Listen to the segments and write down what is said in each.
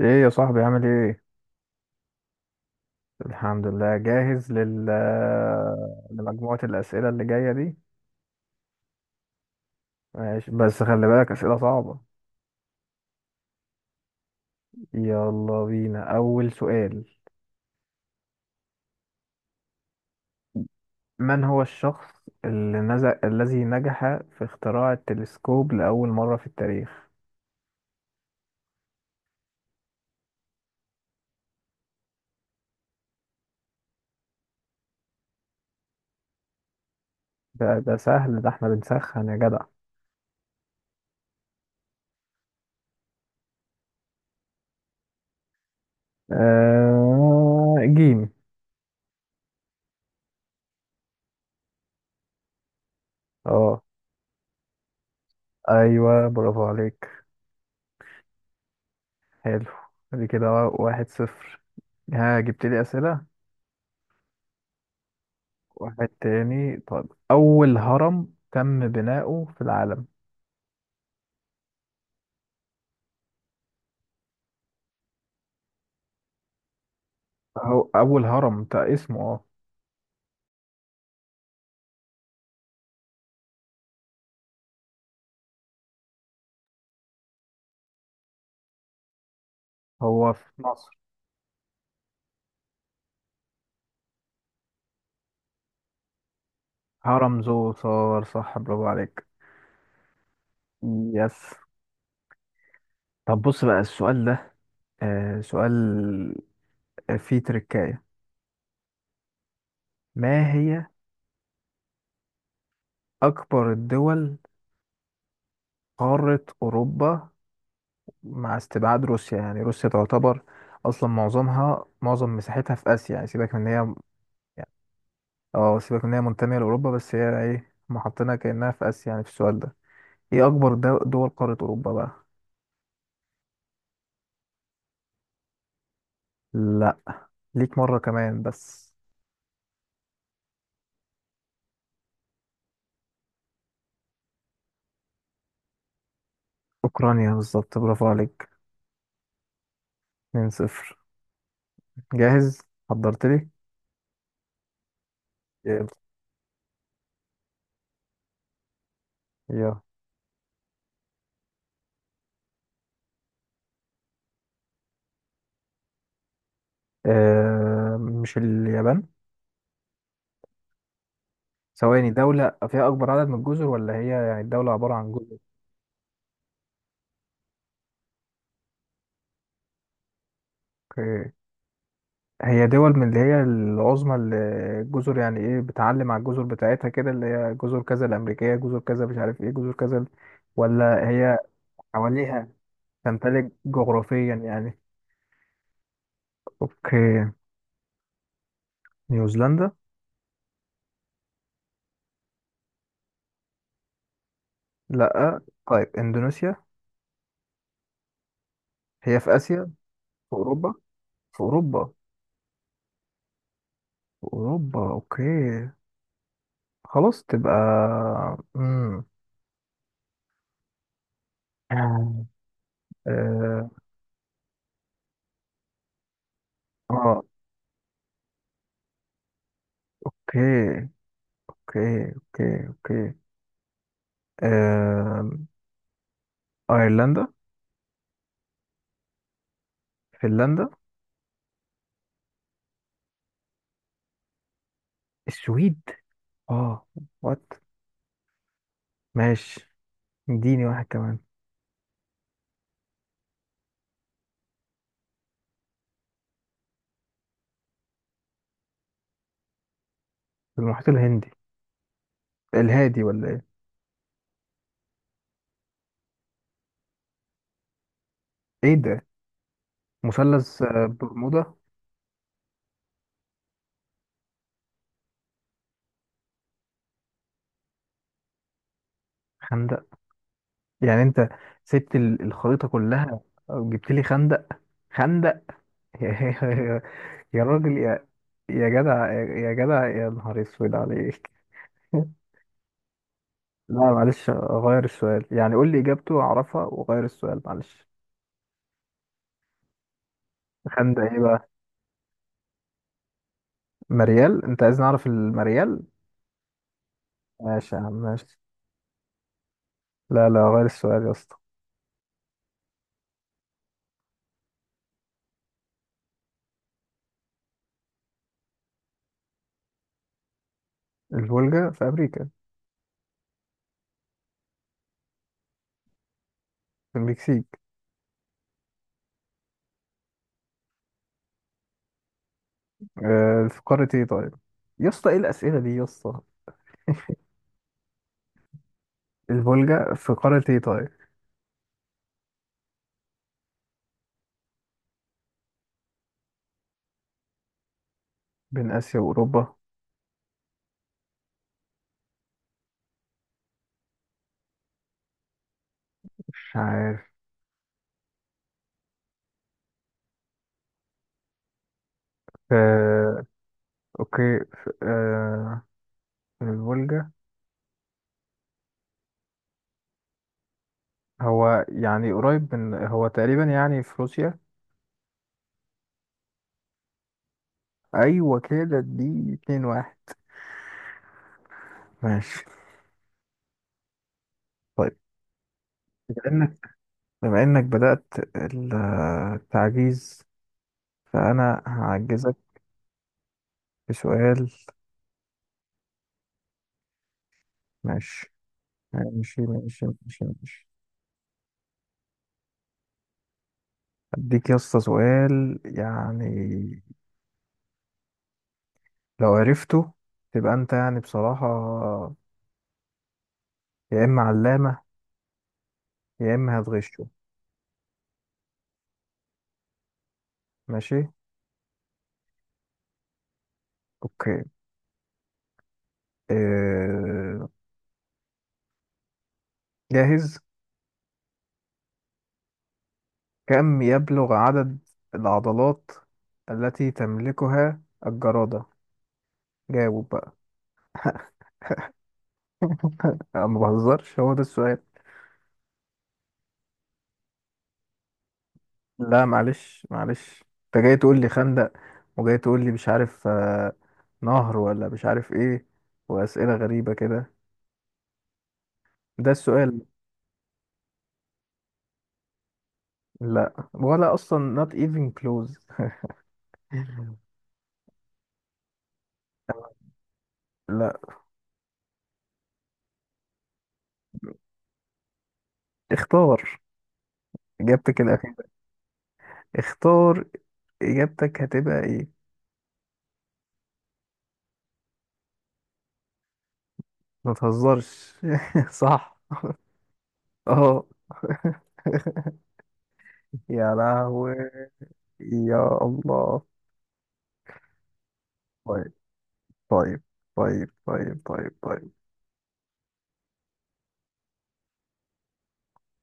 ايه يا صاحبي عامل ايه؟ الحمد لله جاهز لمجموعة الأسئلة اللي جاية دي. ماشي بس خلي بالك أسئلة صعبة. يلا بينا أول سؤال. من هو الشخص اللي الذي نجح في اختراع التلسكوب لأول مرة في التاريخ؟ ده سهل، ده احنا بنسخن يا جدع. جيم. اه، ايوه برافو عليك. حلو، دي كده 1-0. ها، جبت لي أسئلة. واحد تاني، طيب. أول هرم تم بناؤه في العالم؟ هو أول هرم ده اسمه اه، هو في مصر. هرم زوسر، صح برافو عليك. يس. طب بص بقى السؤال ده، آه سؤال، فيه تركاية. ما هي أكبر الدول قارة أوروبا مع استبعاد روسيا؟ يعني روسيا تعتبر أصلا معظم مساحتها في آسيا، يعني سيبك من إن هي اه، سيبك ان هي منتمية لأوروبا بس هي ايه، هما حاطينها كأنها في آسيا يعني في السؤال ده. ايه أكبر دول قارة أوروبا بقى؟ لا. ليك مرة كمان بس. أوكرانيا بالظبط، برافو عليك. 2-0. جاهز، حضرت لي. يلا. يلا. آه مش اليابان؟ ثواني، دولة فيها أكبر عدد من الجزر ولا هي يعني الدولة عبارة عن جزر؟ اوكي. هي دول من اللي هي العظمى اللي الجزر، يعني ايه بتعلم على الجزر بتاعتها كده، اللي هي جزر كذا الأمريكية، جزر كذا مش عارف ايه، جزر كذا، ولا هي حواليها؟ تمتلك جغرافيا يعني. اوكي، نيوزيلندا. لا. طيب اندونيسيا، هي في آسيا. في أوروبا، في أوروبا، في أوروبا اوكي. خلاص تبقى امم اه، آه، اوكي اوكي اوكي اوكي. آه... ايرلندا. فنلندا. السويد، اه. وات، ماشي. اديني واحد كمان. المحيط الهندي، الهادي ولا ايه؟ ايه ده؟ مثلث برمودا. خندق؟ يعني انت سبت الخريطة كلها وجبت لي خندق؟ خندق. يا يا- يا راجل يا، يا جدع يا جدع يا نهار اسود عليك. لا معلش، غير السؤال يعني، قول لي اجابته اعرفها وغير السؤال، معلش. خندق ايه بقى؟ مريال؟ انت عايز نعرف المريال؟ ماشي يا عم، ماشي. لا لا، غير السؤال يا اسطى. الفولجا في امريكا؟ في المكسيك؟ آه، في قارة ايه طيب؟ يا اسطى ايه الاسئلة دي يا اسطى. الفولجا في قارة ايه طيب؟ بين اسيا واوروبا؟ مش عارف. آه. اوكي. في آه، الفولجا هو يعني قريب من، هو تقريبا يعني في روسيا. ايوه كده، دي 2-1. ماشي، طيب. بما انك، بما انك بدأت ال- التعجيز، فانا هعجزك بسؤال. ماشي ماشي اديك يا اسطى سؤال يعني، لو عرفته تبقى انت يعني بصراحة، يا اما علامة يا اما هتغشه. ماشي، اوكي. اه... جاهز. كم يبلغ عدد العضلات التي تملكها الجرادة؟ جاوب بقى. أنا ما بهزرش، هو ده السؤال. لا معلش معلش، انت جاي تقول لي خندق، وجاي تقول لي مش عارف نهر، ولا مش عارف ايه، واسئلة غريبة كده. ده السؤال. لا ولا اصلا not even close. لا. اختار اجابتك الاخيره. اختار اجابتك هتبقى ايه؟ ما تهزرش. صح. اه. يا لهوي. يا الله. طيب طيب طيب طيب طيب.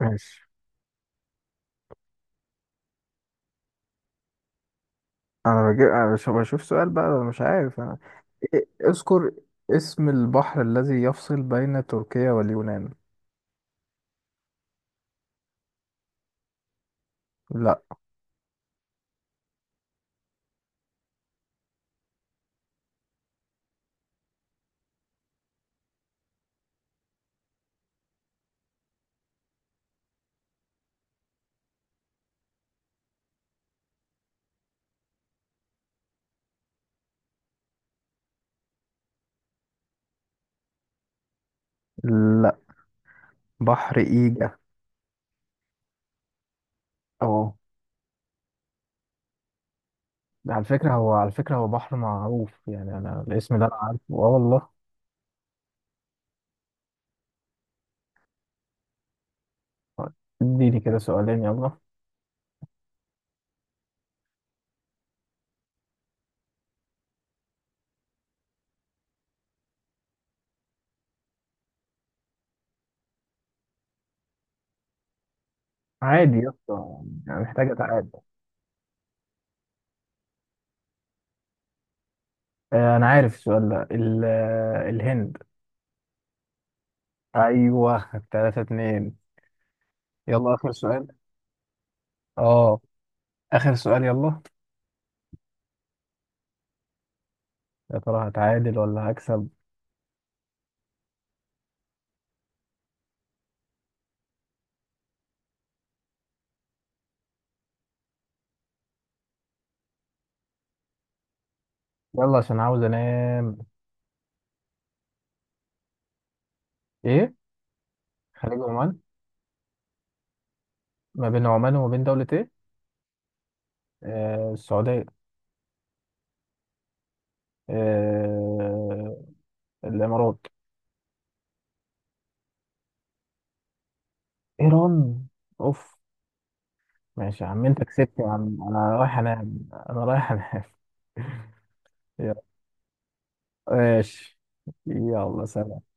ماشي. انا بجيب، انا مش بشوف سؤال بقى، أنا مش عارف انا. اذكر اسم البحر الذي يفصل بين تركيا واليونان. لا. لا. بحر ايجا. اه. ده على فكرة هو، على فكرة هو بحر معروف يعني، أنا الاسم ده أنا عارفه آه والله. طيب، اديني كده سؤالين يلا. عادي يا اسطى، يعني محتاج أتعادل. أنا عارف السؤال ده الهند. أيوه 3-2. يلا آخر سؤال. أه. آخر سؤال يلا. يا ترى هتعادل ولا هكسب؟ يلا عشان عاوز أنام. إيه؟ خليج عمان ما بين عمان وما بين دولة إيه؟ آه السعودية. آه الإمارات. إيران. أوف. ماشي يا عم انت كسبت يا عم، انا رايح انام، انا رايح انام. يلا. ماشي. يلا سلام.